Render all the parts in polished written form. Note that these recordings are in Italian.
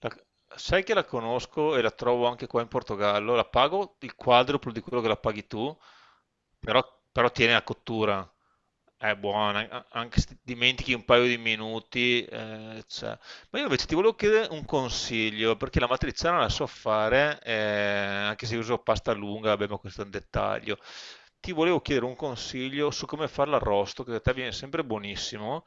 La- Sai che la conosco e la trovo anche qua in Portogallo, la pago il quadruplo di quello che la paghi tu, però, però tiene la cottura, è buona, anche se ti dimentichi un paio di minuti. Eh, c'è. Ma io invece ti volevo chiedere un consiglio, perché la matriciana la so fare, anche se uso pasta lunga, vabbè, ma questo è un dettaglio. Ti volevo chiedere un consiglio su come fare l'arrosto, che da te viene sempre buonissimo,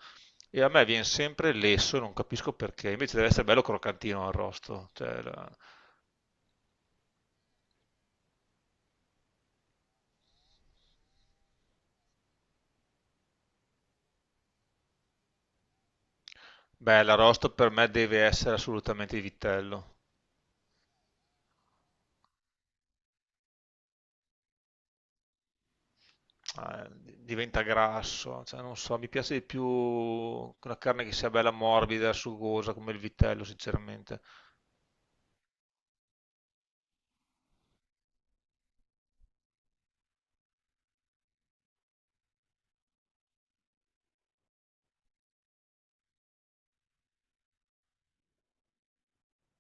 e a me viene sempre lesso, non capisco perché, invece deve essere bello croccantino l'arrosto. Cioè. Beh, l'arrosto per me deve essere assolutamente di vitello. eh, Diventa grasso, cioè, non so, mi piace di più una carne che sia bella morbida, sugosa come il vitello, sinceramente.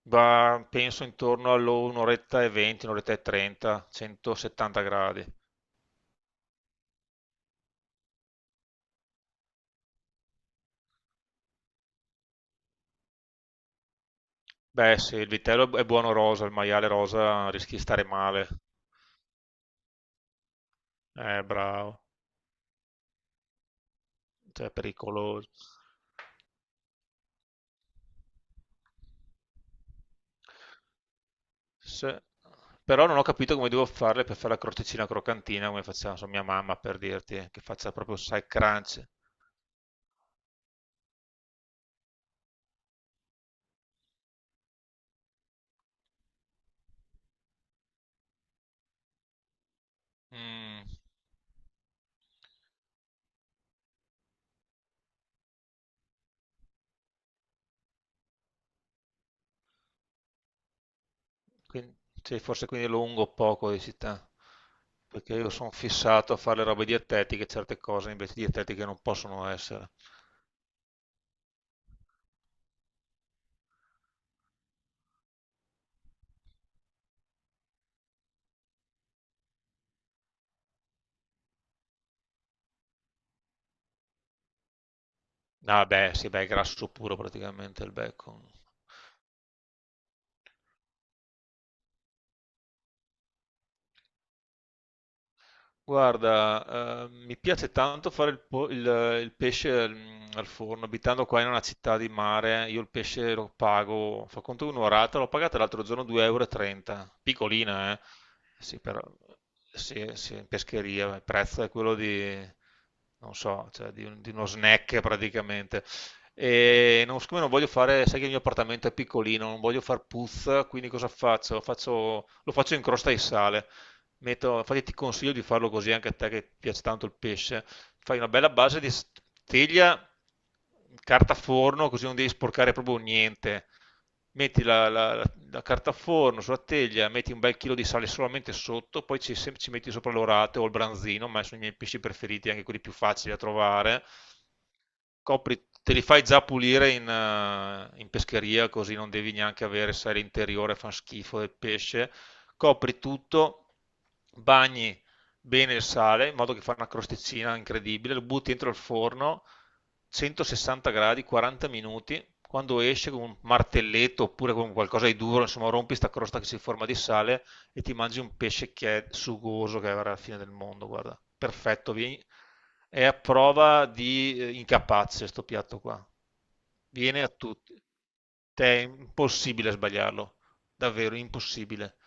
Ma penso intorno all'un'oretta e 20, un'oretta e 30, 170 gradi. Beh, sì, il vitello è buono rosa, il maiale rosa rischi di stare male. Bravo, cioè è pericoloso. Se- Però non ho capito come devo farle per fare la crosticina croccantina, come faceva non so, mia mamma, per dirti, che faccia proprio, sai, crunch. Mm. Quin- sì, forse quindi lungo o poco di città, perché io sono fissato a fare le robe dietetiche, certe cose invece dietetiche non possono essere. Ah beh, sì, beh, è grasso puro praticamente il bacon. Guarda, mi piace tanto fare il pesce al forno. Abitando qua in una città di mare, io il pesce lo pago, fa conto un'orata, l'ho pagata l'altro giorno 2,30 euro, e trenta, piccolina, eh? Sì, però, sì, sì, in pescheria il prezzo è quello di, non so, cioè di, di uno snack praticamente. E non, siccome non voglio fare, sai che il mio appartamento è piccolino, non voglio far puzza, quindi cosa faccio? Lo faccio in crosta di sale. Metto, infatti ti consiglio di farlo così anche a te che piace tanto il pesce. Fai una bella base di teglia, carta forno, così non devi sporcare proprio niente. Metti la la carta forno sulla teglia, metti un bel chilo di sale solamente sotto, poi ci ci metti sopra l'orate o il branzino, ma sono i miei pesci preferiti, anche quelli più facili da trovare. Copri, te li fai già pulire in pescheria, così non devi neanche avere, sai, l'interiore fa schifo del pesce, copri tutto, bagni bene il sale, in modo che fa una crosticina incredibile, lo butti dentro il forno, 160 gradi, 40 minuti, quando esce con un martelletto oppure con qualcosa di duro, insomma rompi sta crosta che si forma di sale e ti mangi un pesce che è sugoso, che è la fine del mondo, guarda, perfetto, è a prova di incapace sto piatto qua, viene a tutti, te è impossibile sbagliarlo, davvero impossibile.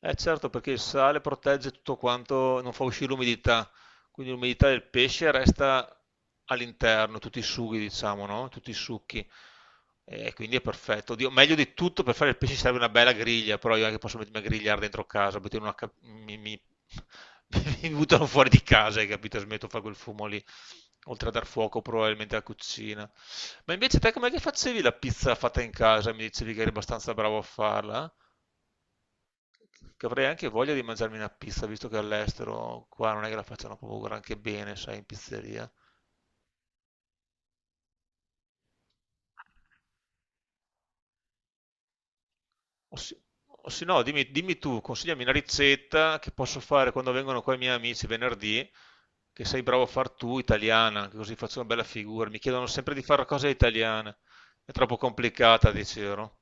Eh certo, perché il sale protegge tutto quanto, non fa uscire l'umidità, quindi l'umidità del pesce resta all'interno, tutti i sughi, diciamo, no? Tutti i succhi. E quindi è perfetto. Oddio, meglio di tutto per fare il pesce serve una bella griglia, però io anche posso mettermi a grigliare dentro casa, mettere una ca- mi, mi buttano fuori di casa, hai capito? Smetto di fare quel fumo lì, oltre a dar fuoco probabilmente alla cucina. Ma invece te com'è che facevi la pizza fatta in casa? Mi dicevi che eri abbastanza bravo a farla? Eh? Che avrei anche voglia di mangiarmi una pizza, visto che all'estero qua non è che la facciano proprio granché bene, sai, in pizzeria. O se, o se no, dimmi, dimmi tu, consigliami una ricetta che posso fare quando vengono qua i miei amici venerdì, che sei bravo a far tu, italiana, che così faccio una bella figura. Mi chiedono sempre di fare una cosa italiana. È troppo complicata, dicevo,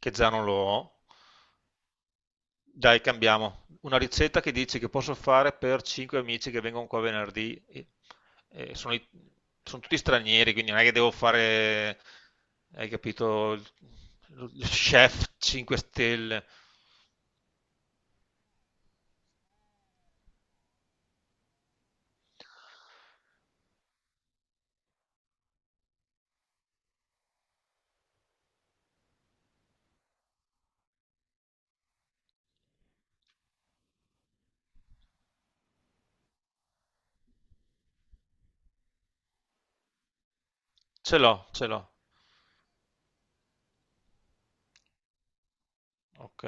che già non lo ho. Dai, cambiamo. Una ricetta che dici che posso fare per 5 amici che vengono qua venerdì. E sono tutti stranieri, quindi non è che devo fare, hai capito, il chef 5 stelle. Ce l'ho, ce l'ho. Ok,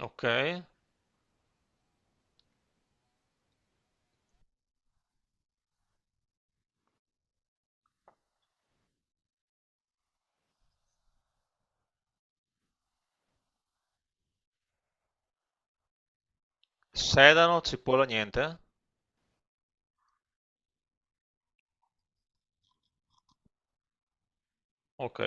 ok. Sedano, cipolla, niente. Ok.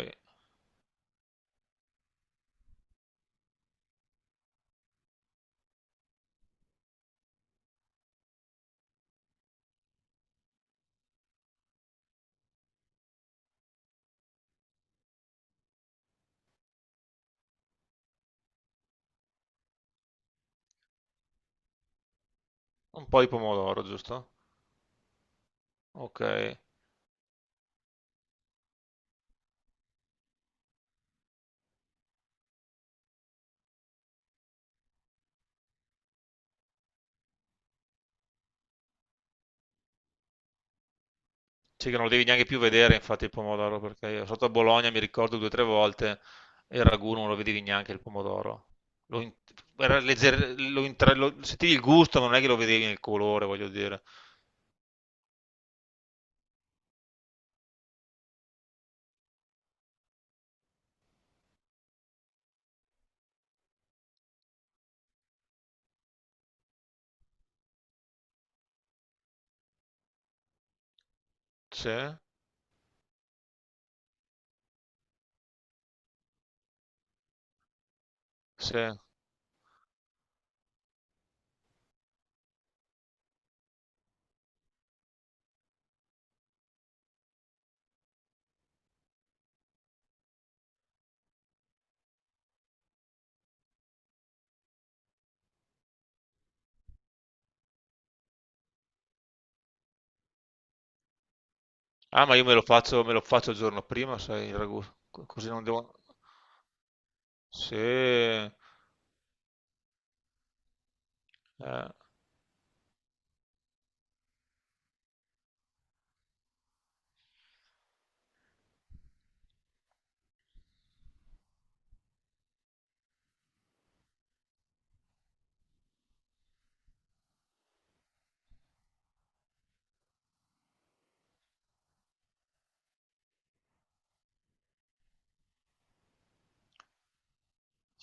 Un po' di pomodoro, giusto? Ok. Sì, che non lo devi neanche più vedere, infatti, il pomodoro, perché io sotto a Bologna mi ricordo due o tre volte e il ragù non lo vedevi neanche il pomodoro. Lo, in- era legger- lo intra- lo- Sentivi il gusto, ma non è che lo vedevi nel colore, voglio dire. Sì, sì. Ah, ma io me lo faccio il giorno prima, sai, il ragù, così non devo... Sì, eh.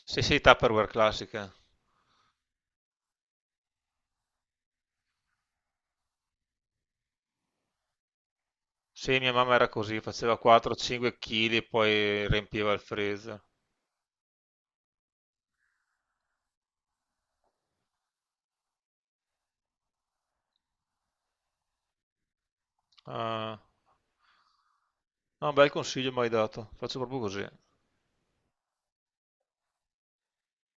Sì, sì, Tupperware classiche. Sì, mia mamma era così, faceva 4-5 kg e poi riempiva il freezer. Ah, no, un bel consiglio mi hai dato, faccio proprio così.